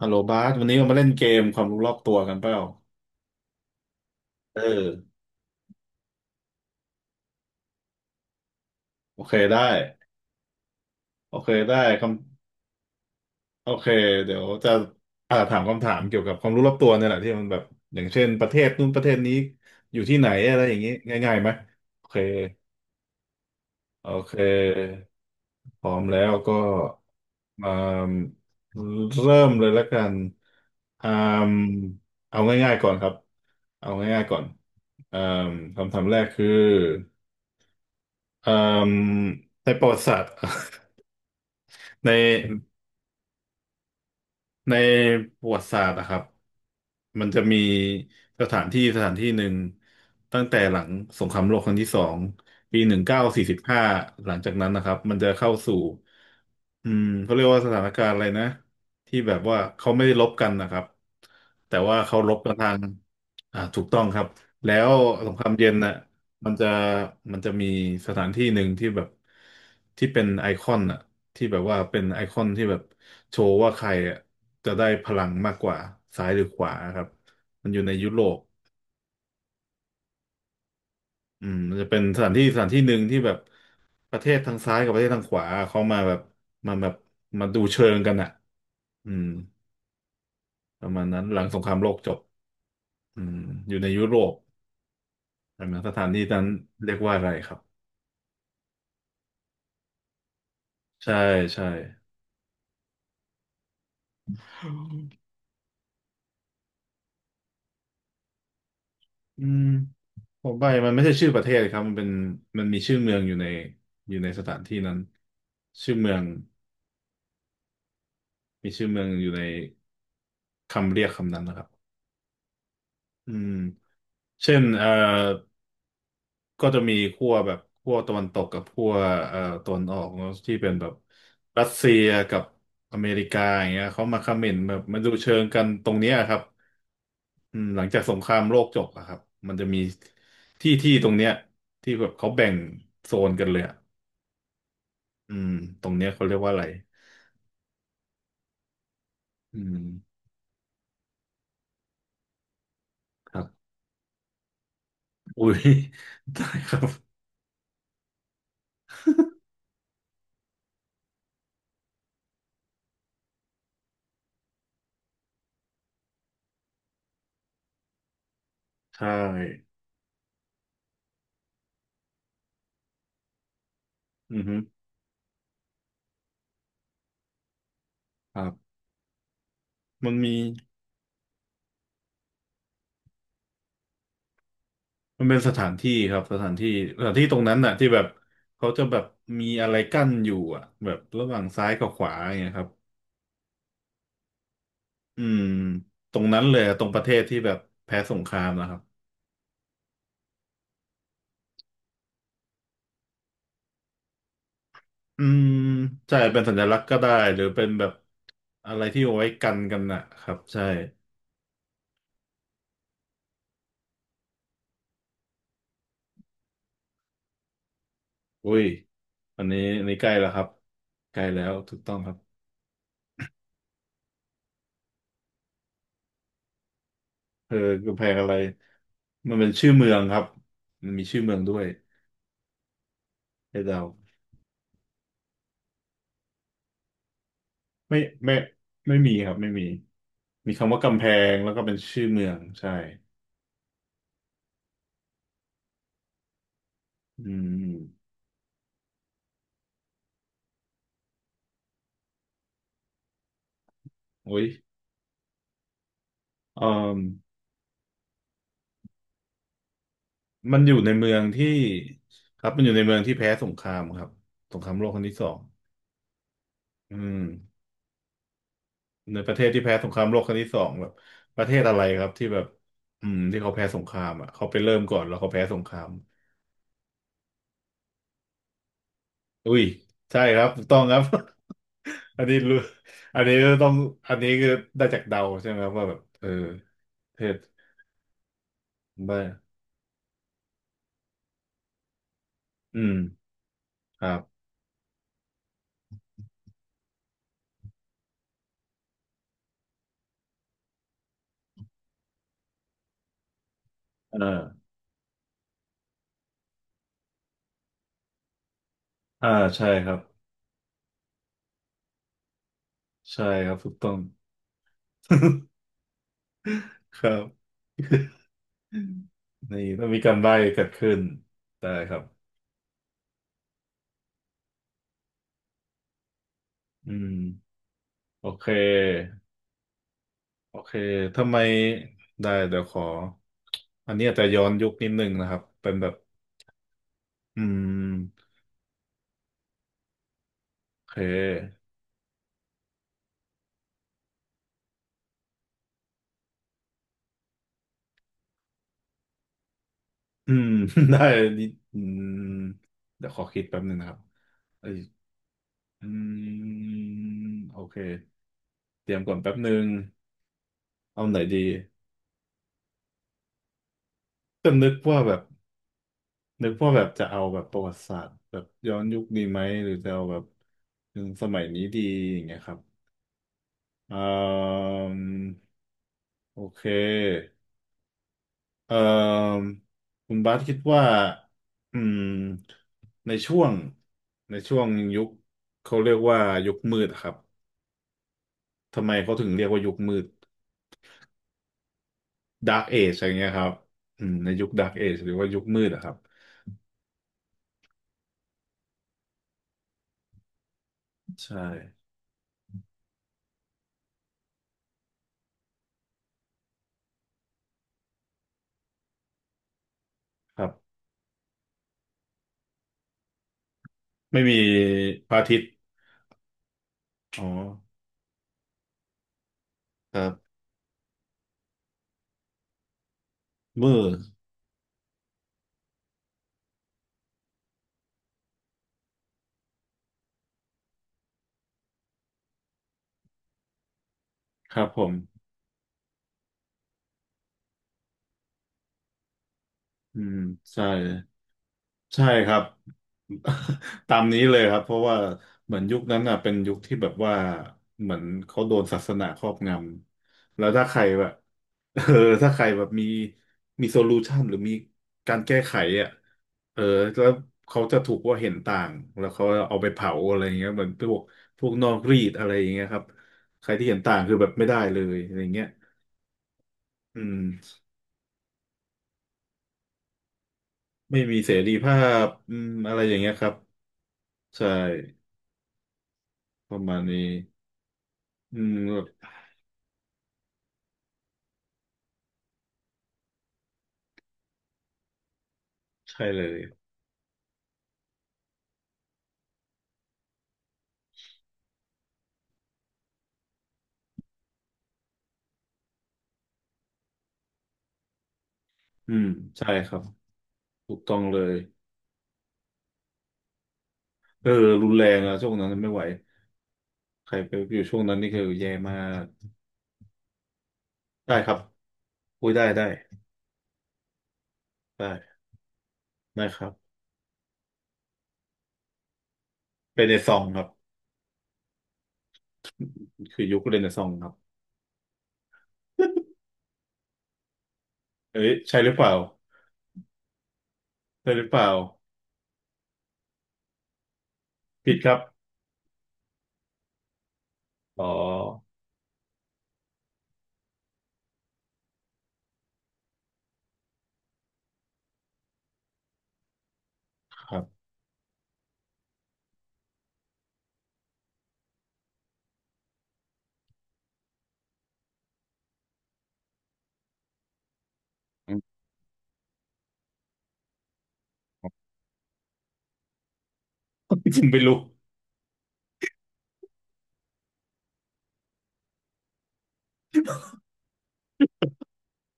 ฮัลโหลบาสวันนี้เรามาเล่นเกมความรู้รอบตัวกันเปล่าเออโอเคได้โอเคได้คำโอเคเดี๋ยวจะถามคำถามเกี่ยวกับความรู้รอบตัวเนี่ยแหละที่มันแบบอย่างเช่นประเทศนู้นประเทศนี้อยู่ที่ไหนอะไรอย่างนี้ง่ายๆไหมโอเคโอเคพร้อมแล้วก็มาเริ่มเลยแล้วกันอ่ามเอาง่ายๆก่อนครับเอาง่ายๆก่อนอ่ามคำถามแรกคือ เอ่อในประวัติศาสตร์ ใน ในประวัติศาสตร์นะครับมันจะมีสถานที่สถานที่หนึ่งตั้งแต่หลังสงครามโลกครั้งที่สองปี1945หลังจากนั้นนะครับมันจะเข้าสู่อืมเขาเรียกว่าสถานการณ์อะไรนะที่แบบว่าเขาไม่ได้รบกันนะครับแต่ว่าเขารบกันทางถูกต้องครับแล้วสงครามเย็นน่ะมันจะมันจะมีสถานที่หนึ่งที่แบบที่เป็นไอคอนน่ะ ที่แบบว่าเป็นไอคอนที่แบบโชว์ว่าใครอะจะได้พลังมากกว่าซ้ายหรือขวาครับมันอยู่ในยุโรปอืมมันจะเป็นสถานที่สถานที่หนึ่งที่แบบประเทศทางซ้ายกับประเทศทางขวาเขามาแบบมาดูเชิงกันอ่ะอืมประมาณนั้นหลังสงครามโลกจบอืมอยู่ในยุโรปใช่ไหมสถานที่นั้นเรียกว่าอะไรครับใช่ใช่อืมผมไปมันไม่ใช่ชื่อประเทศครับมันเป็นมันมีชื่อเมืองอยู่ในสถานที่นั้นชื่อเมือง มีชื่อเมืองอยู่ในคำเรียกคำนั้นนะครับอืมเช่นก็จะมีขั้วแบบขั้วตะวันตกกับขั้วตะวันออกเนอะที่เป็นแบบรัสเซียกับอเมริกาอย่างเงี้ยเขามาคอมเมนต์แบบมาดูเชิงกันตรงเนี้ยครับอืมหลังจากสงครามโลกจบอะครับมันจะมีที่ที่ตรงเนี้ยที่แบบเขาแบ่งโซนกันเลยอะอืมตรงเนี้ยเขาเรียกว่าอะไรอืมครับอุ้ย ได้ครับใช่อือฮึครับ มันมีมันเป็นสถานที่ครับสถานที่สถานที่ตรงนั้นน่ะที่แบบเขาจะแบบมีอะไรกั้นอยู่อ่ะแบบระหว่างซ้ายกับขวาอย่างเงี้ยครับอืมตรงนั้นเลยอะตรงประเทศที่แบบแพ้สงครามนะครับอืมใช่เป็นสัญลักษณ์ก็ได้หรือเป็นแบบอะไรที่เอาไว้กันน่ะครับใช่อุ้ยอันนี้ใกล้แล้วครับใกล้แล้วถูกต้องครับเออกำแพงอะไรมันเป็นชื่อเมืองครับมันมีชื่อเมืองด้วยให้เดา ไม่ไม่ไม่มีครับไม่มีมีคำว่ากำแพงแล้วก็เป็นชื่อเมืองใช่อืมโอ้ยเอ่อมันอยู่ในเมืองที่ครับมันอยู่ในเมืองที่แพ้สงครามครับสงครามโลกครั้งที่สองอืมในประเทศที่แพ้สงครามโลกครั้งที่สองแบบประเทศอะไรครับที่แบบอืมที่เขาแพ้สงครามอ่ะเขาไปเริ่มก่อนแล้วเขาแพ้สงครามอุ้ยใช่ครับถูกต้องครับ อันนี้รู้อันนี้ต้องอันนี้คือได้จากเดาใช่ไหมครับว่าแบบเออประเทศได้ อืมครับอ่าอ่าใช่ครับใช่ครับถูกต้อง ครับอืมนี่ต้องมีการใบ้นเกิดขึ้นได้ครับอืมโอเคโอเคทำไมได้เดี๋ยวขออันนี้อาจจะย้อนยุคนิดนึงนะครับเป็นแบบอืมโอเคอืม ได้นิดอืมเดี๋ยวขอคิดแป๊บหนึงนะครับเอ้ยอืมโอเคเตรียมก่อนแป๊บหนึงเอาไหนดีจะนึกว่าแบบ จะเอาแบบประวัติศาสตร์แบบย้อนยุคดีไหมหรือจะเอาแบบถึงสมัยนี้ดีอย่างเงี้ยครับเอ่มโอเคเอ่มคุณบาสคิดว่าอืมในช่วงในช่วงยุคเขาเรียกว่ายุคมืดอะครับทำไมเขาถึงเรียกว่ายุคมืด Dark Age อะไรเงี้ยครับอืมในยุค Dark Age หรือว่ายุคมืดอะครับใช่ครับไม่มีพระอาทิตย์อ๋อครับมืดครับผม อืมใช่ใช่ครับ ตามนี้เลยครับเพราะว่าเหมือนยุคนั้นอ่ะเป็นยุคที่แบบว่าเหมือนเขาโดนศาสนาครอบงำแล้วถ้าใครแบบ เออถ้าใครแบบมีโซลูชันหรือมีการแก้ไขอ่ะเออแล้วเขาจะถูกว่าเห็นต่างแล้วเขาเอาไปเผาอะไรอย่างเงี้ยเหมือนพวกพวกนอกรีดอะไรอย่างเงี้ยครับใครที่เห็นต่างคือแบบไม่ได้เลยอะไรอย่างเงี้ยอืมไม่มีเสรีภาพอืมอะไรอย่างเงี้ยครับใช่ ประมาณนี้อืมแบบใช่เลยอืมใช่ครับถูกต้องเลยเออรุนแรงอะช่วงนั้นไม่ไหวใครไปอยู่ช่วงนั้นนี่คือแย่มากได้ครับอุ้ยได้ได้ได้ได้ครับเป็นในซองครับคือยุคเรนในซองครับ เอ้ยใช่หรือเปล่าใช่หรือเปล่าผิดครับอ๋อครับ อืม จริงไม่รู้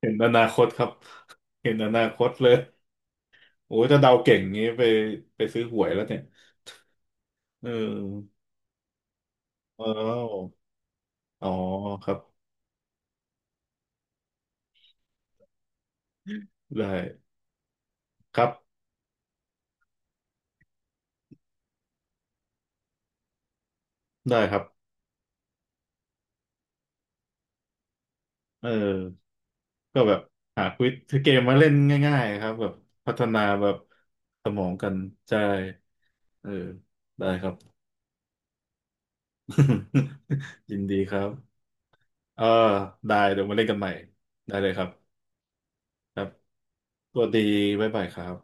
เห็นอนาคตครับ เห็นอนาคตเลยโอ้ยถ้าเดาเก่งงี้ไปไปซื้อหวยแล้วเนี่ยเออเอออ๋อครับ ได้ครับได้ครับเออก็แบบหาควิดเกมมาเล่นง่ายๆครับแบบพัฒนาแบบสมองกันใช่เออได้ครับ ยินดีครับเออได้เดี๋ยวมาเล่นกันใหม่ได้เลยครับครับสวัสดีบ๊ายบายครับ